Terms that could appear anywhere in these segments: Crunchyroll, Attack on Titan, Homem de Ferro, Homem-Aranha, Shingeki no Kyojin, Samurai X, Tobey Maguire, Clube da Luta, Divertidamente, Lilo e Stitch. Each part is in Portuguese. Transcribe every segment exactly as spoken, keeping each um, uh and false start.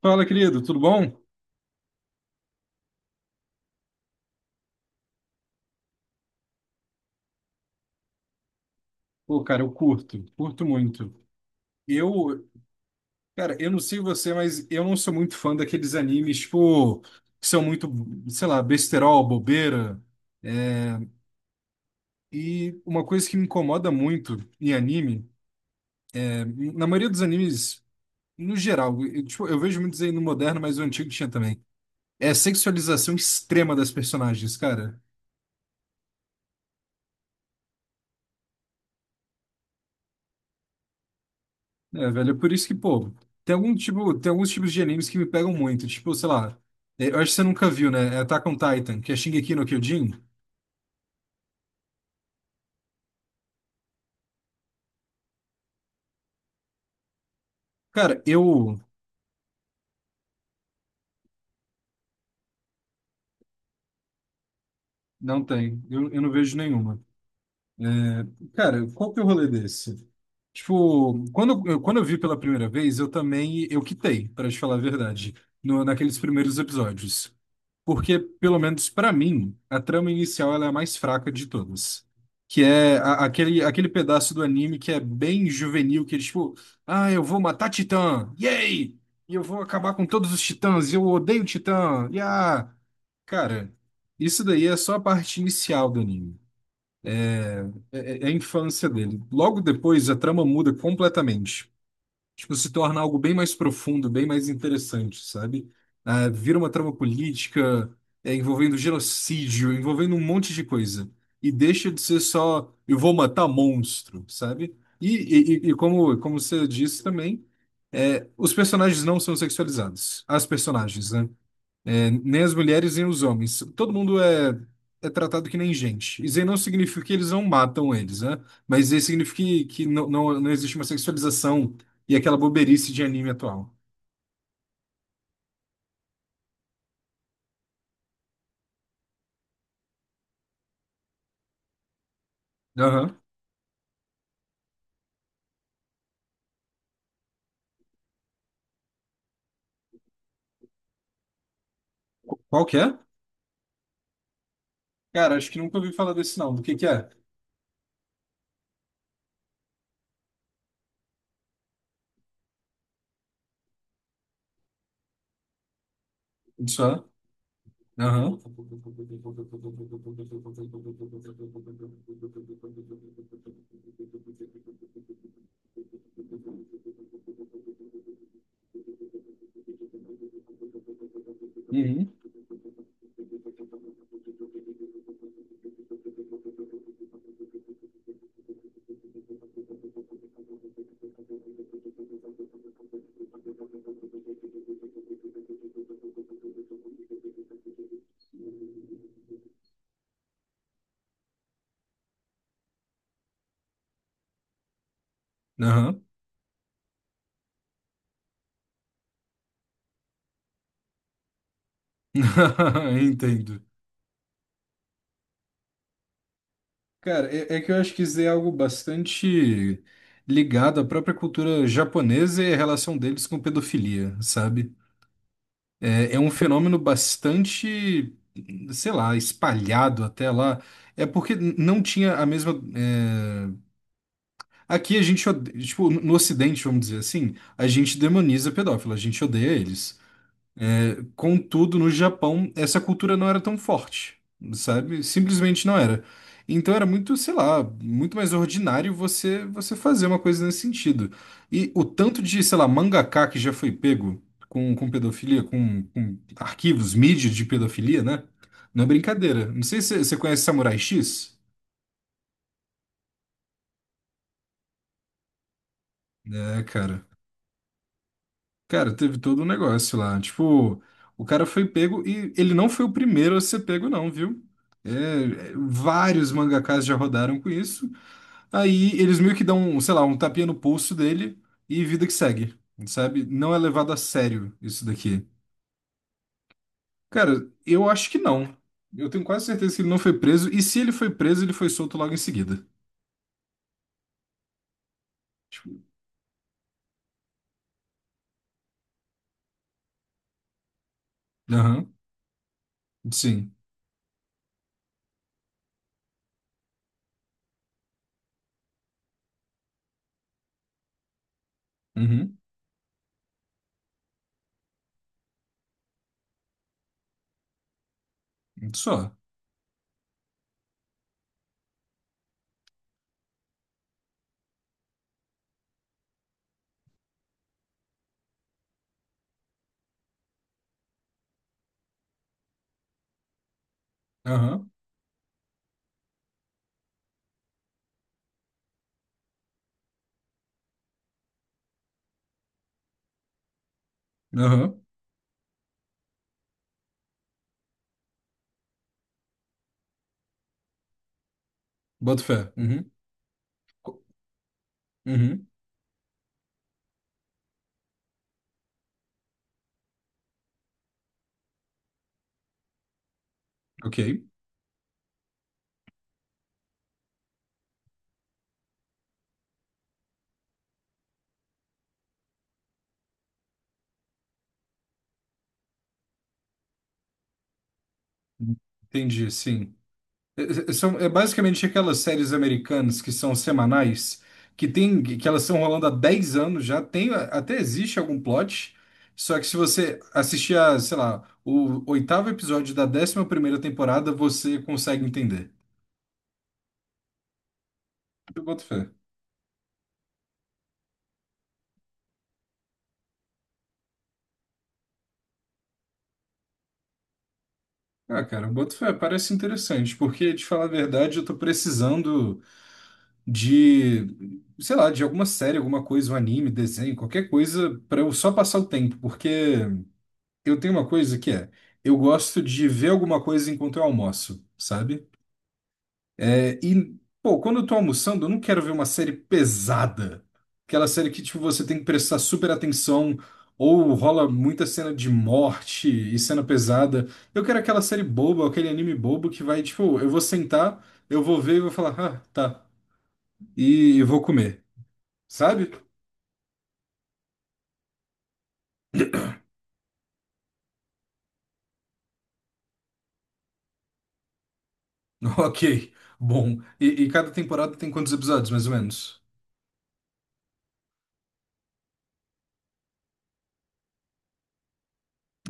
Fala, querido, tudo bom? Pô, cara, eu curto, curto muito. Eu, Cara, eu não sei você, mas eu não sou muito fã daqueles animes, tipo, que são muito, sei lá, besterol, bobeira. E uma coisa que me incomoda muito em anime, é, na maioria dos animes, no geral, eu, tipo, eu vejo muitos aí no moderno, mas o antigo tinha também, é a sexualização extrema das personagens, cara. É, velho, por isso que, pô, tem algum tipo, tem alguns tipos de animes que me pegam muito, tipo, sei lá, é, eu acho que você nunca viu, né? É Attack on Titan, que é Shingeki no Kyojin. Cara, eu não tenho, eu, eu não vejo nenhuma. É, cara, qual que é o rolê desse? Tipo, quando eu, quando eu vi pela primeira vez, eu também, eu quitei, para te falar a verdade, no, naqueles primeiros episódios. Porque, pelo menos pra mim, a trama inicial ela é a mais fraca de todas. Que é a- aquele, aquele pedaço do anime que é bem juvenil, que é tipo, ah, eu vou matar Titã, yay! E eu vou acabar com todos os titãs, e eu odeio Titã, yeah! Cara, isso daí é só a parte inicial do anime. É, é é a infância dele. Logo depois, a trama muda completamente. Tipo, se torna algo bem mais profundo, bem mais interessante, sabe? Ah, vira uma trama política, é, envolvendo genocídio, envolvendo um monte de coisa. E deixa de ser só, eu vou matar monstro, sabe? E, e, e- e como, como, você disse também, é, os personagens não são sexualizados. As personagens, né? É, nem as mulheres, nem os homens. Todo mundo é, é tratado que nem gente. Isso aí não significa que eles não matam eles, né? Mas isso aí significa que, que não, não, não existe uma sexualização e aquela boberice de anime atual. Aham. Qual que é? Cara, acho que nunca ouvi falar desse não. Do que que é? Isso é? Aham. Uhum. Aham. Entendo. Cara, é, é que eu acho que isso é algo bastante ligado à própria cultura japonesa e a relação deles com pedofilia, sabe? É, é um fenômeno bastante, sei lá, espalhado até lá. É porque n- não tinha a mesma. é, Aqui a gente, ode- tipo, no no Ocidente, vamos dizer assim, a gente demoniza pedófilo, a gente odeia eles. Contudo, no Japão, essa cultura não era tão forte, sabe? Simplesmente não era. Então era muito, sei lá, muito mais ordinário você você fazer uma coisa nesse sentido. E o tanto de, sei lá, mangaka que já foi pego com, com pedofilia, com, com arquivos, mídia de pedofilia, né? Não é brincadeira. Não sei se você conhece Samurai X. É, cara. Cara, teve todo um negócio lá. Tipo, o cara foi pego e ele não foi o primeiro a ser pego, não, viu? É, é, vários mangakás já rodaram com isso. Aí eles meio que dão, sei lá, um tapinha no pulso dele e vida que segue, sabe? Não é levado a sério isso daqui. Cara, eu acho que não. Eu tenho quase certeza que ele não foi preso. E se ele foi preso, ele foi solto logo em seguida. Tipo, aham, sim. Uhum, só. Aham, aham. Bota fé. Uhum, co- uhum, ok. Entendi, sim. É, é- é, são, é basicamente aquelas séries americanas que são semanais, que tem, que elas estão rolando há dez anos já, tem, até existe algum plot, só que se você assistir a, sei lá, o oitavo episódio da décima primeira temporada, você consegue entender. Eu boto fé. Ah, cara, eu boto fé, parece interessante, porque, de falar a verdade, eu tô precisando de, sei lá, de alguma série, alguma coisa, um anime, desenho, qualquer coisa, pra eu só passar o tempo, porque... eu tenho uma coisa que é, eu gosto de ver alguma coisa enquanto eu almoço, sabe? É, e, pô, quando eu tô almoçando, eu não quero ver uma série pesada. Aquela série que, tipo, você tem que prestar super atenção, ou rola muita cena de morte e cena pesada. Eu quero aquela série boba, aquele anime bobo que vai, tipo, eu vou sentar, eu vou ver e vou falar, ah, tá, e, e vou comer, sabe? Ok, bom. E, e cada temporada tem quantos episódios, mais ou menos?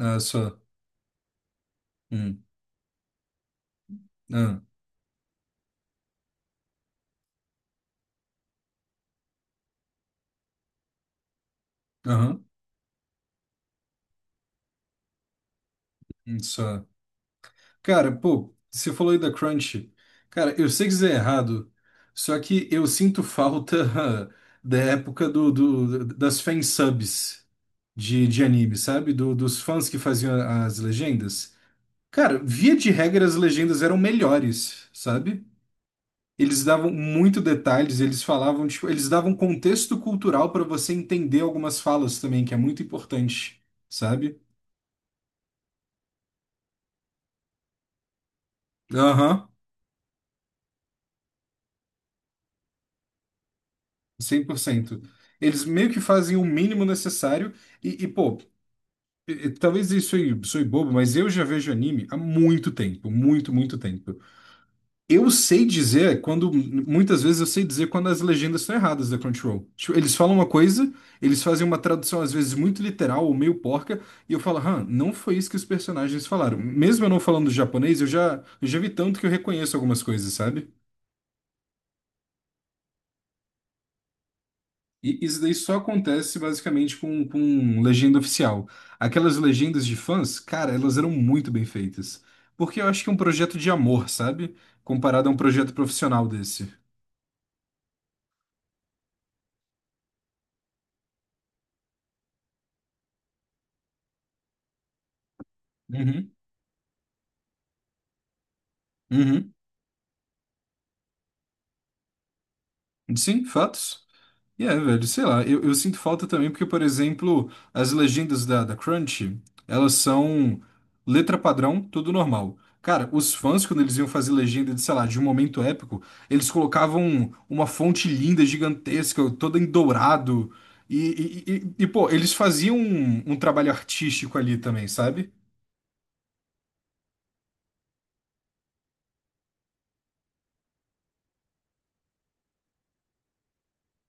Ah, só. Hum. Ah, aham. Hum, só. Cara, pô, você falou aí da Crunch. Cara, eu sei que isso é errado, só que eu sinto falta da época do, do- das fansubs de, de anime, sabe? Do- dos fãs que faziam as legendas. Cara, via de regra, as legendas eram melhores, sabe? Eles davam muito detalhes, eles falavam, tipo, eles davam contexto cultural pra você entender algumas falas também, que é muito importante, sabe? Aham. Cem por cento. Eles meio que fazem o mínimo necessário e, e, pô, e- e talvez isso aí soe bobo, mas eu já vejo anime há muito tempo, muito, muito tempo. Eu sei dizer quando, muitas vezes eu sei dizer quando as legendas estão erradas da Crunchyroll. Tipo, eles falam uma coisa, eles fazem uma tradução às vezes muito literal ou meio porca, e eu falo, hã, não foi isso que os personagens falaram. Mesmo eu não falando japonês, eu já, eu já vi tanto que eu reconheço algumas coisas, sabe? E isso daí só acontece basicamente com, com, legenda oficial. Aquelas legendas de fãs, cara, elas eram muito bem feitas. Porque eu acho que é um projeto de amor, sabe? Comparado a um projeto profissional desse. Uhum, uhum. Sim, fatos. E é, velho, sei lá, eu, eu sinto falta também porque, por exemplo, as legendas da, da Crunchy, elas são letra padrão, tudo normal. Cara, os fãs, quando eles iam fazer legenda de, sei lá, de um momento épico, eles colocavam uma fonte linda, gigantesca, toda em dourado. E, e, e- e, pô, eles faziam um, um trabalho artístico ali também, sabe?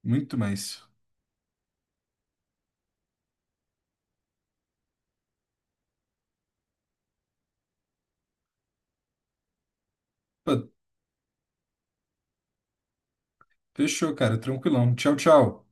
Muito mais. Pô, fechou, cara, tranquilão. Tchau, tchau.